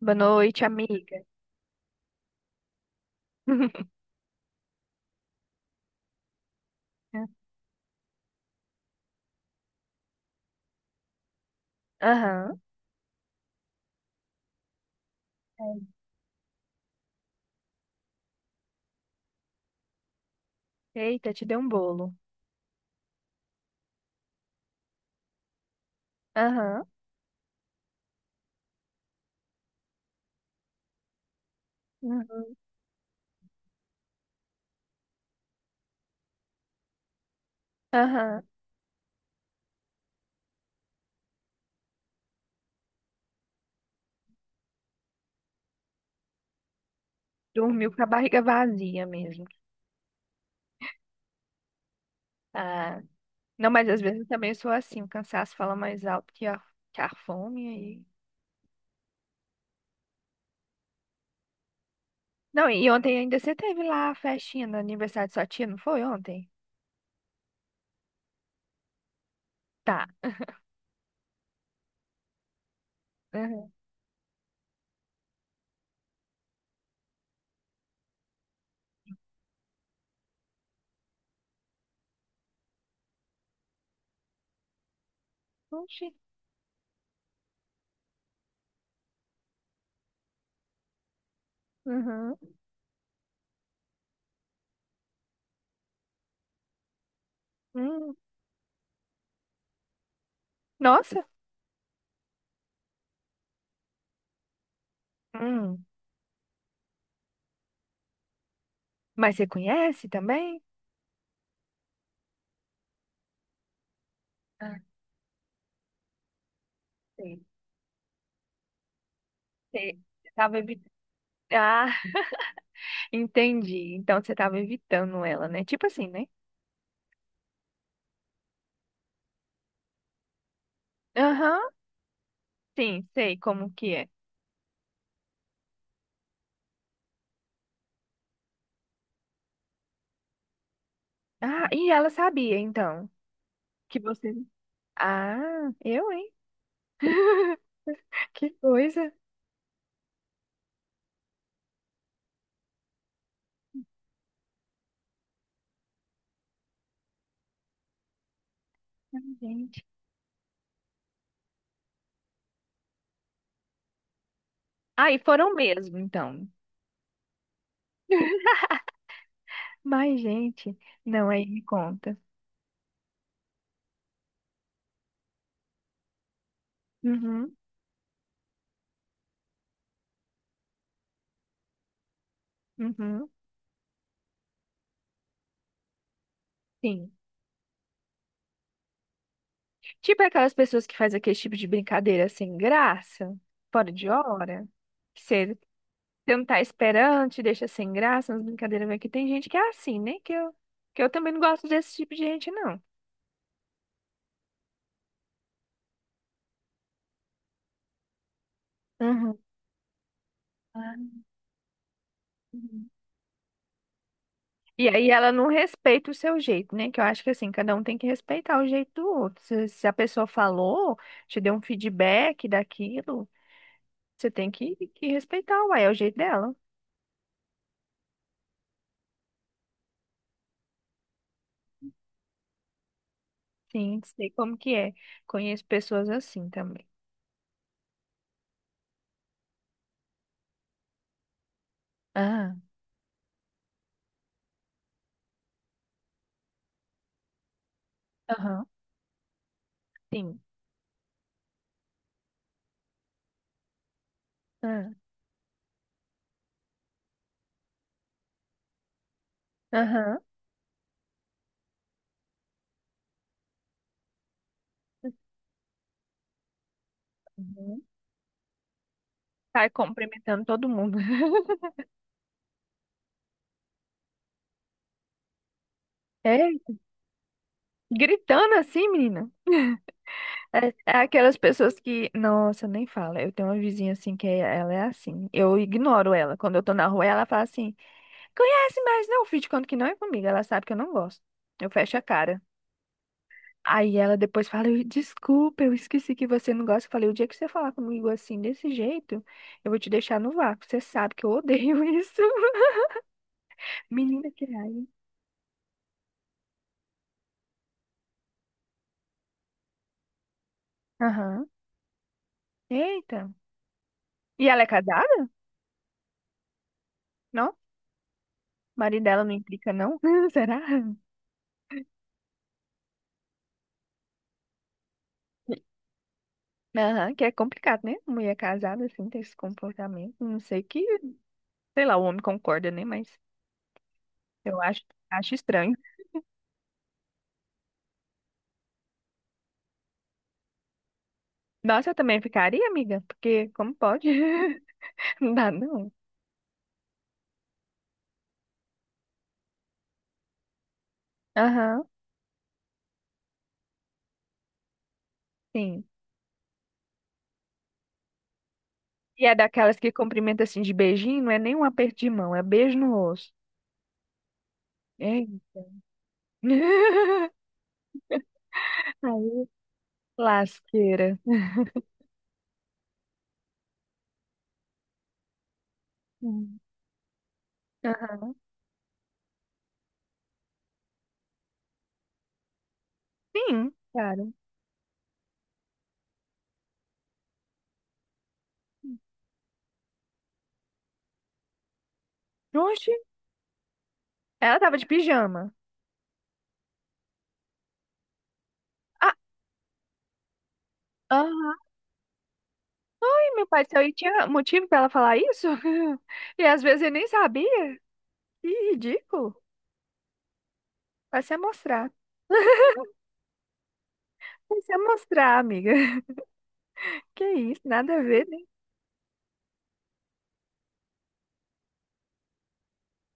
Boa noite, amiga. Aham. Eita, te deu um bolo. Aham. Uhum. Aham. Dormiu com a barriga vazia mesmo. Ah. Não, mas às vezes eu também sou assim, o cansaço fala mais alto que a fome. E... Não, e ontem ainda você teve lá a festinha no aniversário de sua tia, não foi ontem? Tá. Uhum. Oxi. Uhum. Hum. Nossa. Hum. Mas você conhece também? Ah, sei. Sei. Tava evitando. Ah, entendi. Então você tava evitando ela, né? Tipo assim, né? Aham, sim, sei como que é. Ah, e ela sabia, então, que você. Ah, eu, hein? Que coisa. Ai, gente. Ah, e foram mesmo, então. Mas, gente, não, aí me conta. Uhum, uhum, sim. Tipo aquelas pessoas que fazem aquele tipo de brincadeira sem graça, fora de hora. Que você você não tá esperando, te deixa sem graça, umas brincadeiras vai que tem gente que é assim, né? Que eu também não gosto desse tipo de gente, não. Uhum. Ah, uhum. E aí ela não respeita o seu jeito, né? Que eu acho que assim, cada um tem que respeitar o jeito do outro. Se a pessoa falou, te deu um feedback daquilo, você tem que respeitar, uai, é o jeito dela. Sim, sei como que é. Conheço pessoas assim também. Ah, aham. Sim. Ah, aham. Uhum. Sai cumprimentando todo mundo. É? Gritando assim, menina? É, é aquelas pessoas que. Nossa, nem fala. Eu tenho uma vizinha assim ela é assim. Eu ignoro ela. Quando eu tô na rua, ela fala assim: conhece mais não, filho, de conta que não é comigo. Ela sabe que eu não gosto. Eu fecho a cara. Aí ela depois fala: Desculpa, eu esqueci que você não gosta." Eu falei: "O dia que você falar comigo assim, desse jeito, eu vou te deixar no vácuo. Você sabe que eu odeio isso." Menina, que raiva. Aham. Eita. E ela é casada? Não? O marido dela não implica, não? Será? Aham, que é complicado, né? Mulher casada, assim, ter esse comportamento. Não sei que, sei lá, o homem concorda, né? Mas eu acho, acho estranho. Nossa, eu também ficaria, amiga, porque como pode? Não dá, não. Aham, sim. E é daquelas que cumprimenta assim de beijinho, não é nem um aperto de mão, é beijo no rosto. Eita. Aí, lasqueira. Uhum. Aham. Sim, claro. Oxe, ela tava de pijama. Ah, meu pai do céu, e tinha motivo pra ela falar isso? E às vezes eu nem sabia. Que ridículo. Vai se amostrar. Vai se amostrar, amiga. Que isso, nada a ver, né?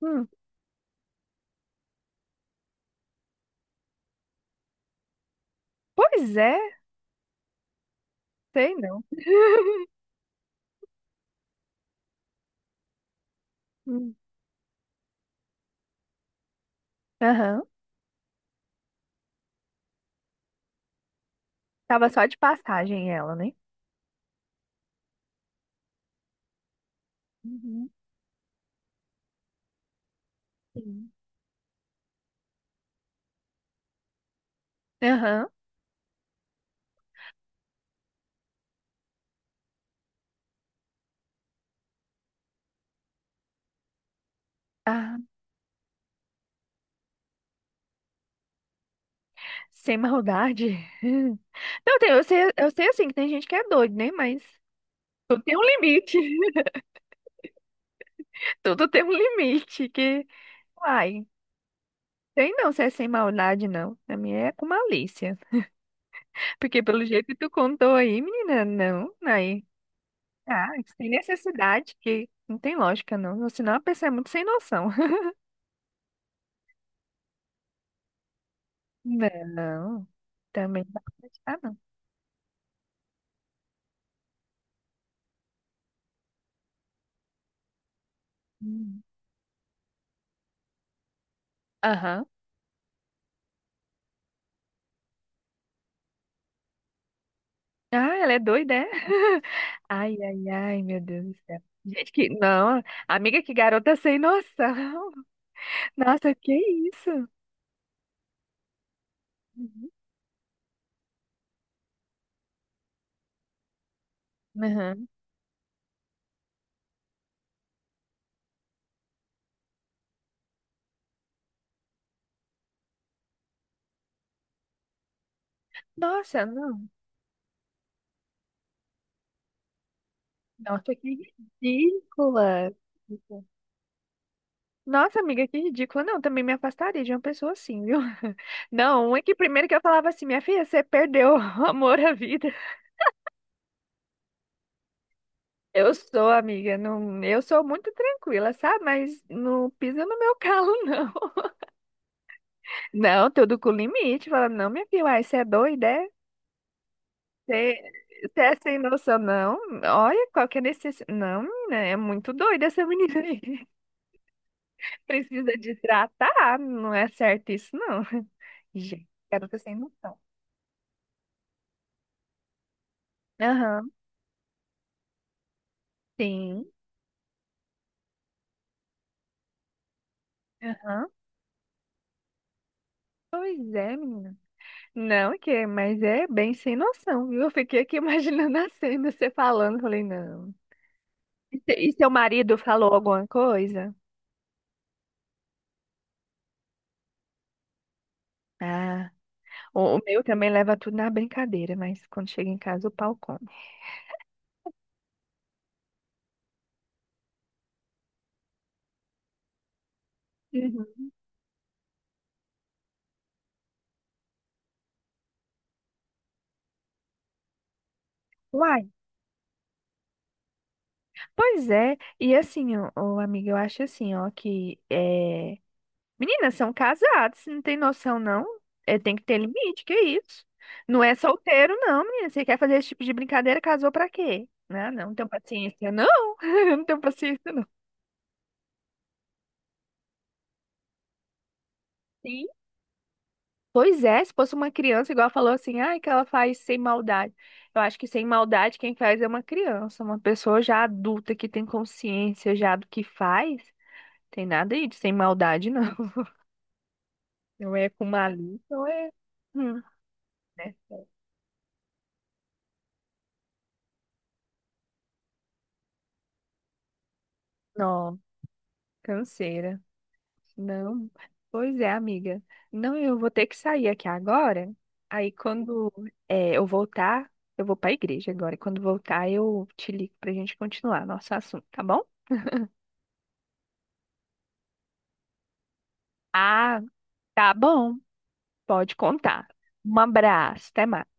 Hum, pois é, sei não. Hum, aham. Tava só de passagem ela, né? Uhum. Sim. Aham. Ah, sem maldade. Não, tem, eu sei assim que tem gente que é doido, né? Mas tudo tem um limite. Tudo tem um limite que. Uai. Tem não, se é sem maldade, não. A minha é com malícia. Porque pelo jeito que tu contou aí, menina, não, aí. Ah, sem necessidade, que não tem lógica, não. Senão a pessoa é muito sem noção. Não, também não dá pra acreditar, não. Hum. Aham. Ah, ela é doida, é? Ai, ai, ai, meu Deus do céu. Gente, que. Não, amiga, que garota sem noção. Nossa, que isso? Uhum. Aham. Nossa, não. Nossa, que ridícula. Nossa, amiga, que ridícula. Não, também me afastaria de uma pessoa assim, viu? Não, é que primeiro que eu falava assim, minha filha, você perdeu o amor à vida. Eu sou, amiga, não, eu sou muito tranquila, sabe? Mas não pisa no meu calo, não. Não, tudo com limite. Fala, não, minha filha, uai, você é doida, é? Você Você é sem noção, não? Olha, qual que é necessidade. Não, menina, é muito doida essa menina aí. Precisa de tratar, não é certo isso, não. Gente, garota sem noção. Aham. Sim. Aham. Pois é, menina. Não, que é, mas é bem sem noção, viu? Eu fiquei aqui imaginando a cena, você falando. Falei, não. E se- E seu marido falou alguma coisa? Ah, o meu também leva tudo na brincadeira, mas quando chega em casa o pau come. Uhum. Uai, pois é, e assim, ó, ô, amiga, eu acho assim, ó, que é. Meninas são casadas, você não tem noção, não? É, tem que ter limite, que isso? Não é solteiro, não, menina. Você quer fazer esse tipo de brincadeira, casou pra quê? Não, não, não tenho paciência, não. Eu não tenho paciência, não. Sim. Pois é, se fosse uma criança, igual ela falou assim, ai, que ela faz sem maldade. Eu acho que sem maldade quem faz é uma criança, uma pessoa já adulta que tem consciência já do que faz. Tem nada aí de sem maldade, não. Não é com malícia, não é. Hum, né? Não, canseira. Não, pois é, amiga. Não, eu vou ter que sair aqui agora. Aí quando é, eu voltar, eu vou pra igreja agora. E quando voltar, eu te ligo pra gente continuar nosso assunto, tá bom? Ah, tá bom. Pode contar. Um abraço, até mais.